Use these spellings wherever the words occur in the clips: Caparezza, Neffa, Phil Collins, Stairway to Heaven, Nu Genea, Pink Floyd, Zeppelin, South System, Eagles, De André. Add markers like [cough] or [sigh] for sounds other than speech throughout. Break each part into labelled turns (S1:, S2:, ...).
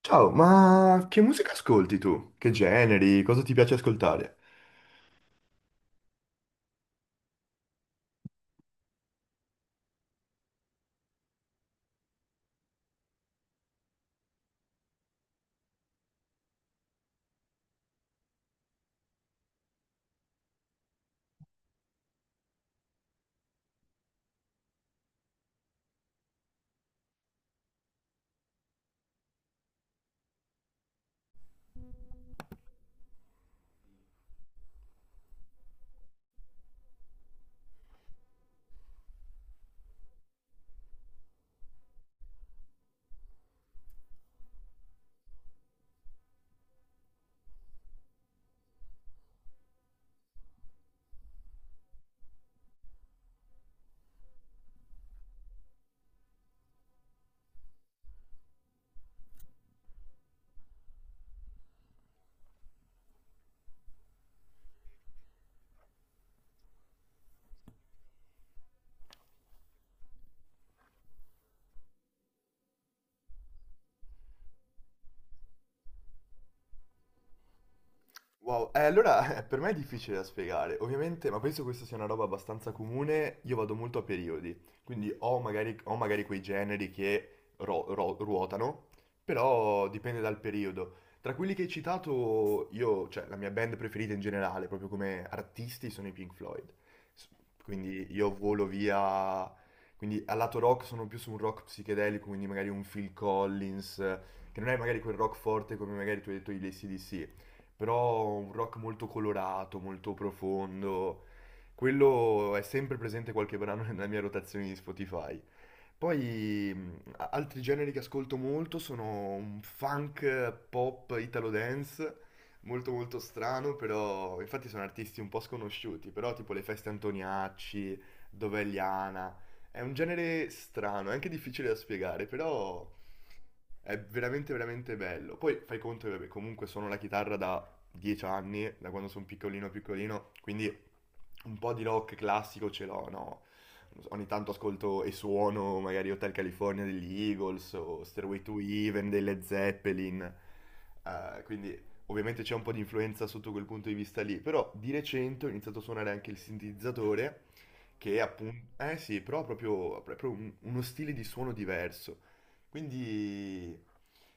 S1: Ciao, ma che musica ascolti tu? Che generi? Cosa ti piace ascoltare? Wow, allora [laughs] per me è difficile da spiegare, ovviamente, ma penso questa sia una roba abbastanza comune, io vado molto a periodi, quindi ho magari quei generi che ruotano, però dipende dal periodo. Tra quelli che hai citato, io, cioè la mia band preferita in generale, proprio come artisti, sono i Pink Floyd, S- quindi io volo via, quindi al lato rock sono più su un rock psichedelico, quindi magari un Phil Collins, che non è magari quel rock forte come magari tu hai detto gli ac però un rock molto colorato, molto profondo. Quello è sempre presente qualche brano nella mia rotazione di Spotify. Poi altri generi che ascolto molto sono un funk, pop italo dance, molto molto strano, però infatti sono artisti un po' sconosciuti, però tipo le feste Antoniacci, Dovegliana, è un genere strano, è anche difficile da spiegare, però è veramente veramente bello. Poi fai conto che vabbè, comunque suono la chitarra da 10 anni, da quando sono piccolino piccolino, quindi un po' di rock classico ce l'ho, no? Ogni tanto ascolto e suono magari Hotel California degli Eagles o Stairway to Heaven delle Zeppelin, quindi ovviamente c'è un po' di influenza sotto quel punto di vista lì, però di recente ho iniziato a suonare anche il sintetizzatore, che appunto, eh sì, però ha proprio uno stile di suono diverso, quindi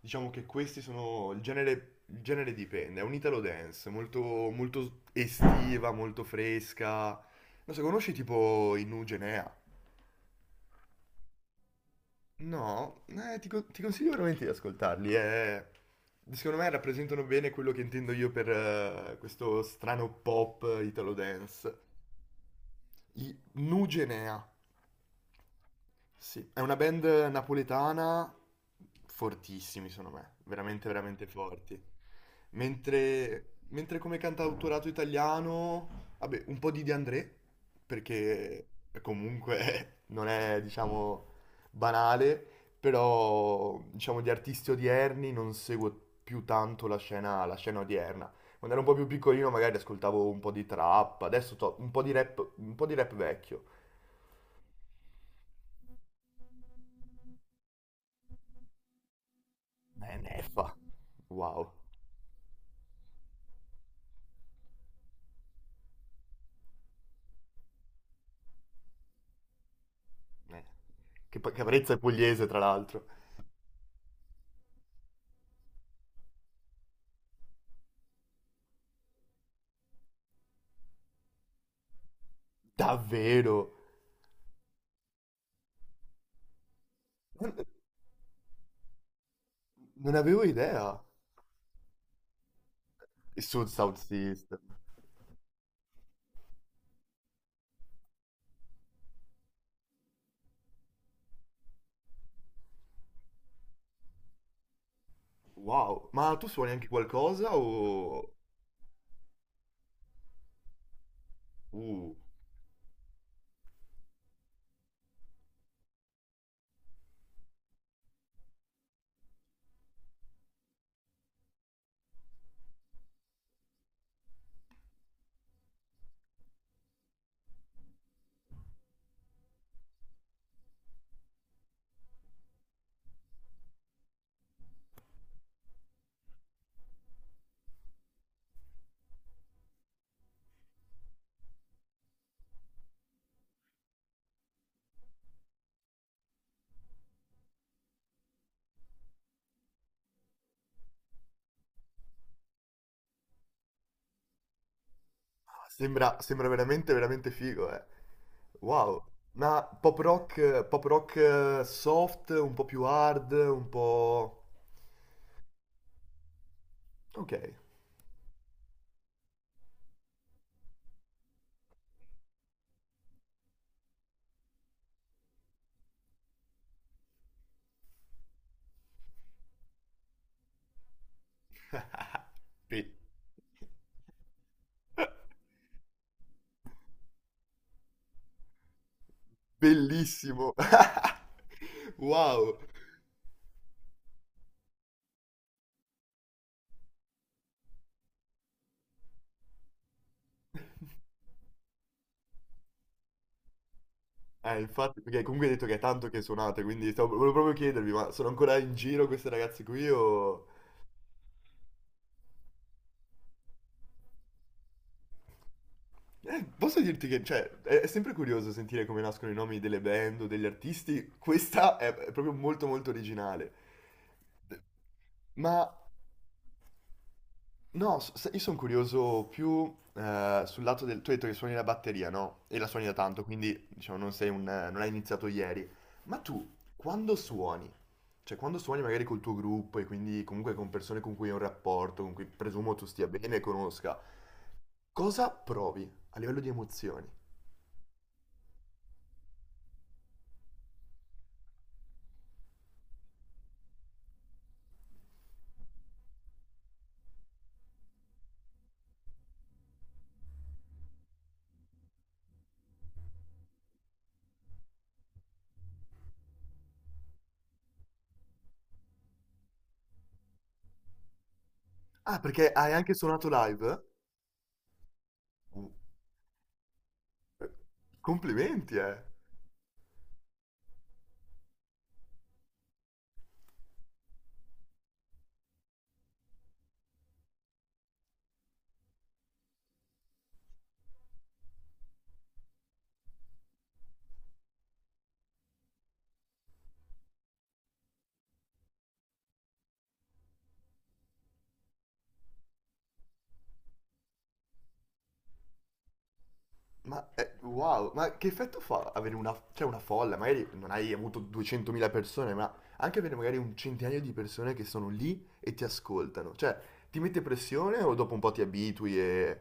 S1: diciamo che questi sono, il genere dipende, è un italo dance, molto, molto estiva, molto fresca, non so, conosci tipo i Nu Genea? No, ti consiglio veramente di ascoltarli. Secondo me rappresentano bene quello che intendo io per questo strano pop italo dance. I Nu Genea. Sì, è una band napoletana, fortissimi, secondo me, veramente, veramente forti. Mentre come cantautorato italiano, vabbè, un po' di De André, perché comunque [laughs] non è, diciamo, banale, però, diciamo, di artisti odierni non seguo più tanto la scena odierna. Quando ero un po' più piccolino magari ascoltavo un po' di trap, adesso un po' di rap, un po' di rap vecchio. Neffa, wow. Eh, Caparezza è pugliese, tra l'altro. Davvero? Non, non avevo idea. Il Sud South System. Wow, ma tu suoni anche qualcosa o... Uh, sembra veramente, veramente figo, eh. Wow. Ma pop rock, pop rock, soft, un po' più hard, un po'... Ok. [laughs] Be- Bellissimo. [laughs] Wow. Infatti, perché comunque hai detto che è tanto che suonate, quindi volevo proprio chiedervi, ma sono ancora in giro queste ragazze qui o... posso dirti che, cioè, è sempre curioso sentire come nascono i nomi delle band o degli artisti, questa è proprio molto molto originale. Ma no, sai, io sono curioso più sul lato del... Tu hai detto che suoni la batteria, no? E la suoni da tanto, quindi diciamo non sei un... non hai iniziato ieri. Ma tu, quando suoni? Cioè, quando suoni magari col tuo gruppo e quindi comunque con persone con cui hai un rapporto, con cui presumo tu stia bene e conosca, cosa provi a livello di emozioni? Ah, perché hai anche suonato live? Uh, eh, Complimenti, eh! Ma wow, ma che effetto fa avere una, cioè una folla? Magari non hai avuto 200.000 persone, ma anche avere magari un centinaio di persone che sono lì e ti ascoltano. Cioè, ti mette pressione o dopo un po' ti abitui e...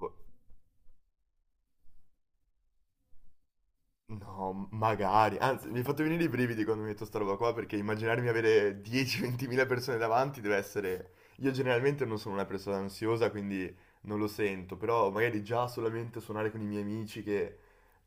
S1: Boh, no, magari. Anzi, mi hai fatto venire i brividi quando mi hai detto sta roba qua, perché immaginarmi avere 10-20.000 persone davanti deve essere... Io generalmente non sono una persona ansiosa, quindi non lo sento, però magari già solamente suonare con i miei amici che...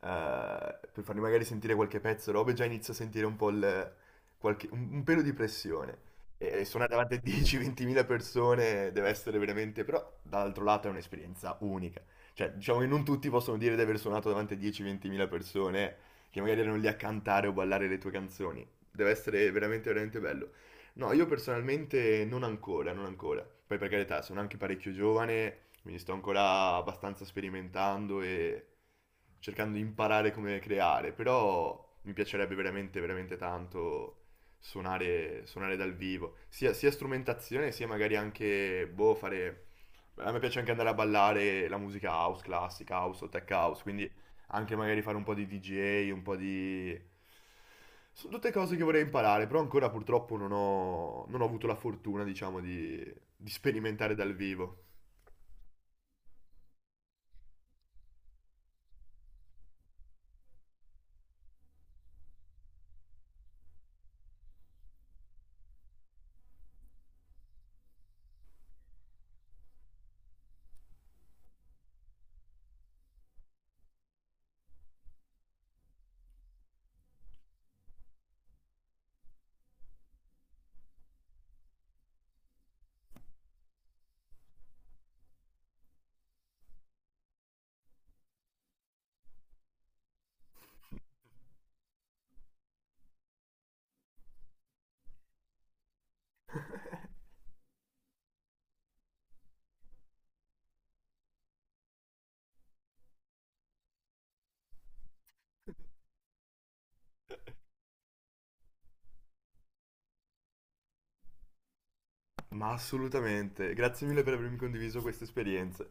S1: per farmi magari sentire qualche pezzo, robe, già inizio a sentire un po' il... un pelo di pressione. E suonare davanti a 10-20.000 persone deve essere veramente... Però, dall'altro lato, è un'esperienza unica. Cioè, diciamo che non tutti possono dire di aver suonato davanti a 10-20.000 persone che magari erano lì a cantare o ballare le tue canzoni. Deve essere veramente, veramente bello. No, io personalmente non ancora, non ancora. Poi per carità, sono anche parecchio giovane, quindi sto ancora abbastanza sperimentando e cercando di imparare come creare, però mi piacerebbe veramente, veramente tanto suonare dal vivo, sia strumentazione, sia magari anche, boh, fare a me piace anche andare a ballare la musica house, classica house o tech house, quindi anche magari fare un po' di DJ, un po' di... Sono tutte cose che vorrei imparare, però ancora purtroppo non ho avuto la fortuna, diciamo, di, sperimentare dal vivo. Ma assolutamente, grazie mille per avermi condiviso queste esperienze.